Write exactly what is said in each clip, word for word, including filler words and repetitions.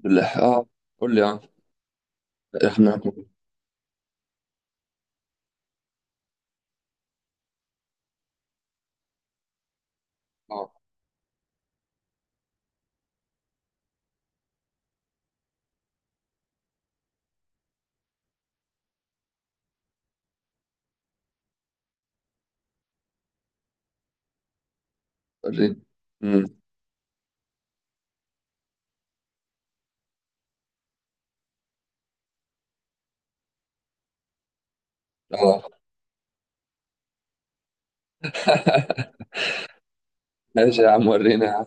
بالله. اه، قول لي اه. احنا. اه، وريني. امم اه. ماشي يا عم، ورينا يا عم.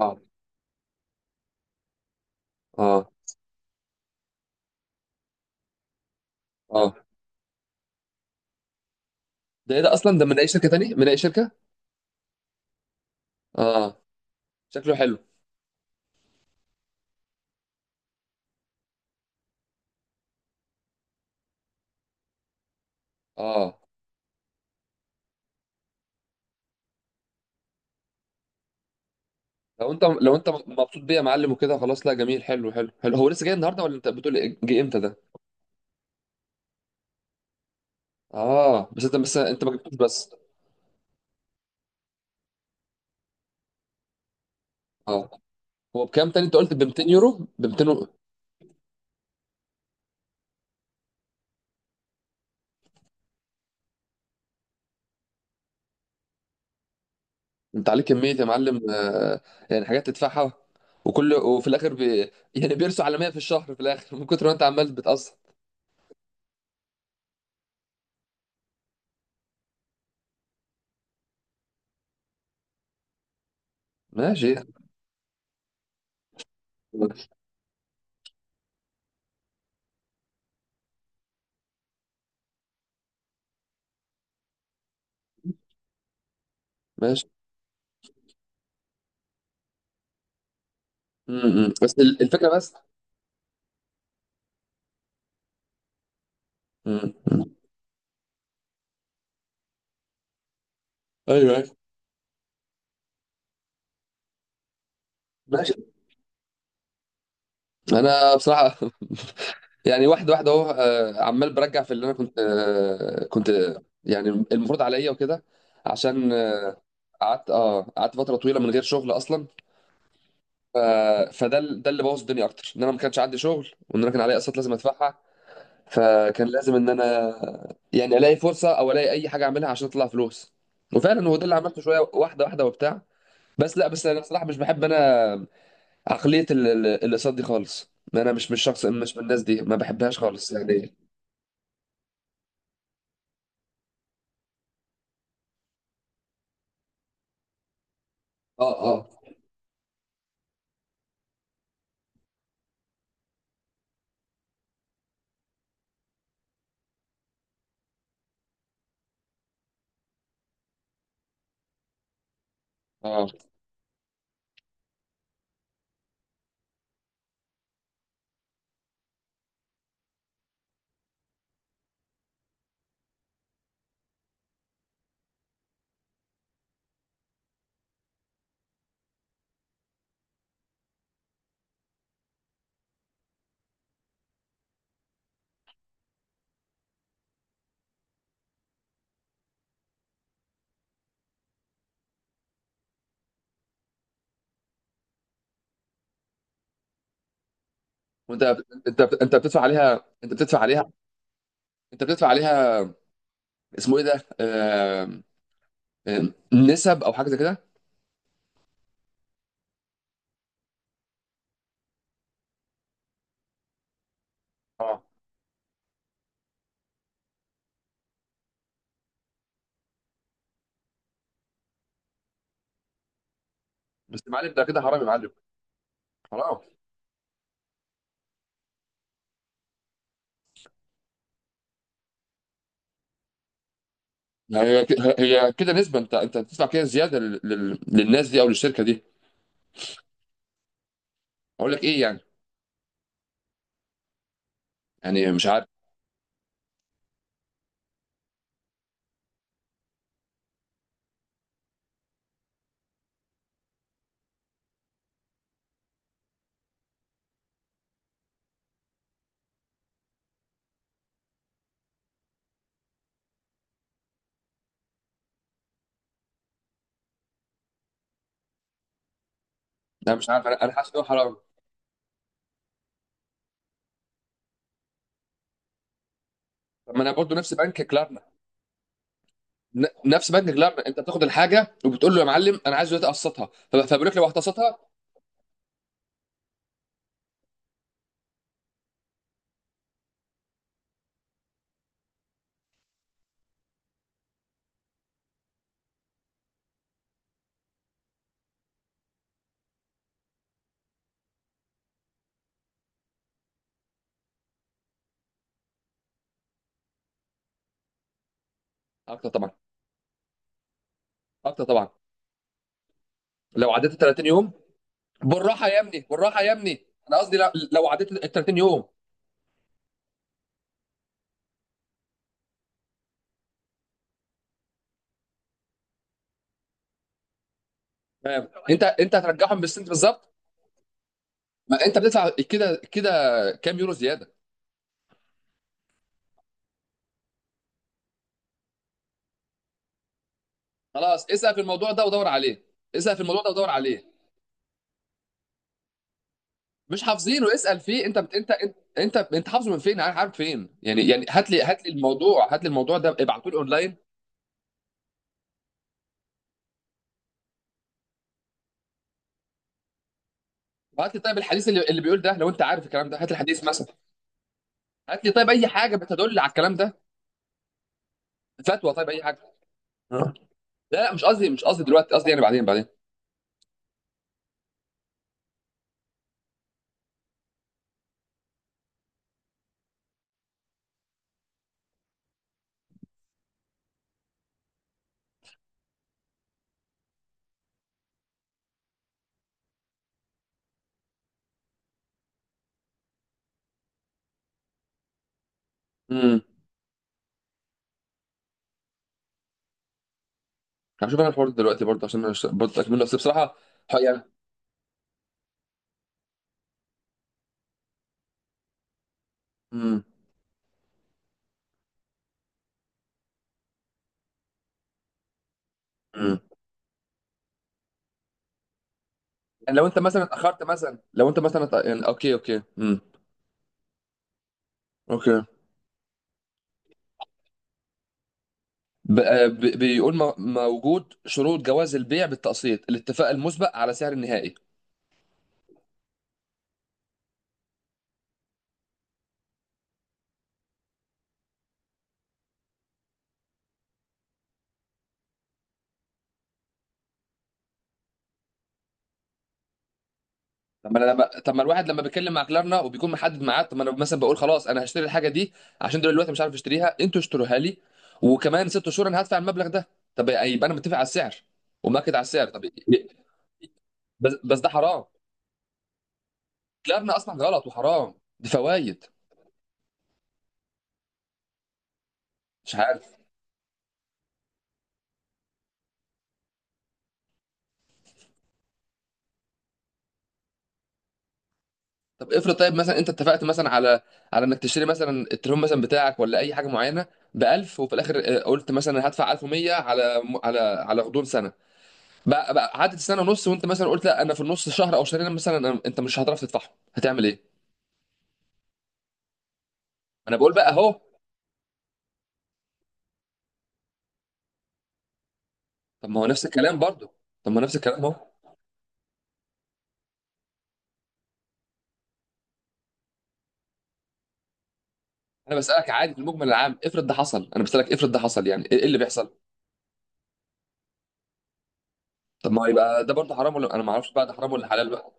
اه، اه، اه. ده ايه ده اصلا؟ ده من اي شركة تاني؟ من اي شركة؟ اه، شكله حلو. اه، لو انت لو انت مبسوط بيه يا معلم وكده، خلاص. لا، جميل حلو حلو حلو. هو لسه جاي النهارده ولا انت بتقول إيه؟ جه امتى ده؟ اه، بس انت بس انت ما جبتوش بس. اه، هو بكام تاني؟ انت قلت ب مئتين يورو، ب مئتين؟ انت عليك كميه يا معلم، آه، يعني حاجات تدفعها. وكل وفي الاخر بي يعني بيرسوا على مية في الشهر في الاخر، من كتر ما انت عمال بتقسط. ماشي يعني. ماشي. م- م. بس ال- الفكره بس. م- م. ايوه، ايوه. ماشي. انا بصراحه، يعني واحده واحده اهو، آه، عمال برجع في اللي انا كنت، آه، كنت آه، يعني المفروض عليا وكده، عشان آه، قعدت اه، قعدت فتره طويله من غير شغل اصلا. ف- فده ال- ده اللي بوظ الدنيا اكتر، ان انا ما كانش عندي شغل وان انا كان عليا قسط لازم ادفعها. فكان لازم ان انا يعني الاقي فرصه او الاقي اي حاجه اعملها عشان اطلع فلوس. وفعلا هو ده اللي عملته، شويه واحده واحده وبتاع. بس لا، بس انا بصراحه مش بحب انا عقليه ال- ال- الاقساط دي خالص. انا مش مش شخص مش من الناس دي، ما بحبهاش خالص يعني. اه، اه، اه. وانت انت انت بتدفع عليها، انت بتدفع عليها انت بتدفع عليها. اسمه ايه ده آه... آه، نسب او حاجه زي كده. اه، بس يا معلم، ده كده حرام يا معلم. حرام. يعني هي ك- هي كده نسبه، انت انت بتدفع كده زياده لل- لل- للناس دي او للشركه دي. اقول لك ايه يعني؟ يعني مش عارف. انا مش عارف، انا انا حاسس ان هو حرام. طب ما انا برضه نفس بنك كلارنا. ن- نفس بنك كلارنا، انت بتاخد الحاجه وبتقول له يا معلم انا عايز دلوقتي اقسطها. فب- فبيقول لك لو هتقسطها اكتر طبعا، اكتر طبعا. لو عديت ال تلاتين يوم، بالراحه يا ابني، بالراحه يا ابني، انا قصدي لو لو عديت ال تلاتين يوم. فاهم؟ انت انت هترجعهم بالسنت بالظبط، ما انت بتدفع كده كده. كام يورو زياده؟ خلاص، اسال في الموضوع ده ودور عليه. اسال في الموضوع ده ودور عليه. مش حافظينه، اسال فيه. انت بت... انت انت انت انت حافظه من فين؟ عارف عارف فين يعني؟ يعني هات لي هات لي الموضوع، هات لي الموضوع ده، ابعته لي اونلاين. وهات لي طيب الحديث اللي, اللي بيقول ده، لو انت عارف الكلام ده هات لي الحديث مثلا. هات لي طيب اي حاجه بتدل على الكلام ده، فتوى، طيب اي حاجه. آه. لا لا، مش قصدي مش قصدي دلوقتي، قصدي يعني بعدين، بعدين. امم. هشوف انا الحوار ده دلوقتي برضه، عشان أنا برضه اكمله، بس بصراحه. ح- يعني. امم امم يعني لو انت مثلا اتاخرت، مثلا لو انت مثلا اتأ- يعني اوكي، اوكي، امم اوكي. ب- ب- بيقول م- موجود شروط جواز البيع بالتقسيط، الاتفاق المسبق على سعر النهائي. طب ما انا لما طب ما الواحد لما بيتكلم مع كلارنا وبيكون محدد معاه، طب ما انا مثلا بقول خلاص انا هشتري الحاجه دي عشان دلوقتي مش عارف اشتريها، انتوا اشتروها لي، وكمان ست شهور انا هدفع المبلغ ده. طب يبقى انا متفق على السعر ومأكد على السعر. طب ي- بس بس ده حرام، كلارنا اصلا غلط وحرام، دي فوائد. مش عارف. طب افرض، طيب مثلا انت اتفقت مثلا على، على انك تشتري مثلا التليفون مثلا بتاعك ولا اي حاجه معينه، ب ألف، وفي الاخر اه، قلت مثلا هدفع ألف ومية على على على غضون سنه. بقى, بقى عدت سنه ونص، وانت مثلا قلت لا، انا في النص شهر او شهرين مثلا انا- انت مش هتعرف تدفعهم، هتعمل ايه؟ انا بقول بقى اهو. طب ما هو نفس الكلام برضه، طب ما هو نفس الكلام اهو. انا بسالك عادي في المجمل العام، افرض ده حصل، انا بسالك افرض ده حصل، يعني ايه إيه اللي بيحصل؟ طب ما هو يبقى ده برضه حرام، ولا انا ما اعرفش بقى ده حرام ولا حلال بقى؟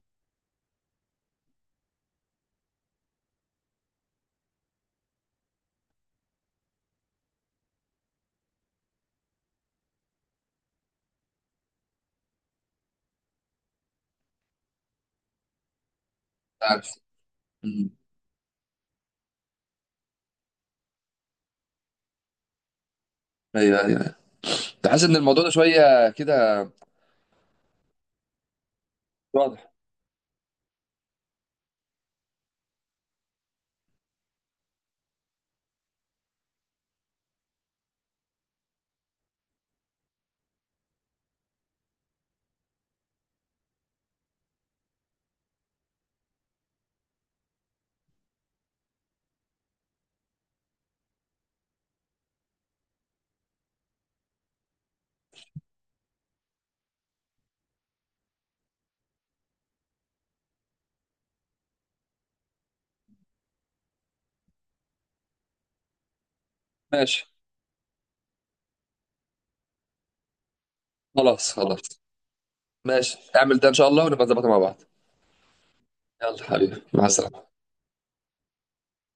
مش عارف. مم. ايوه، ايوه، تحس ان الموضوع ده شويه كده. ماشي، خلاص، خلاص. ماشي، اعمل ده ان شاء الله ونبقى نظبطها مع بعض. يلا حبيبي، مع السلامة.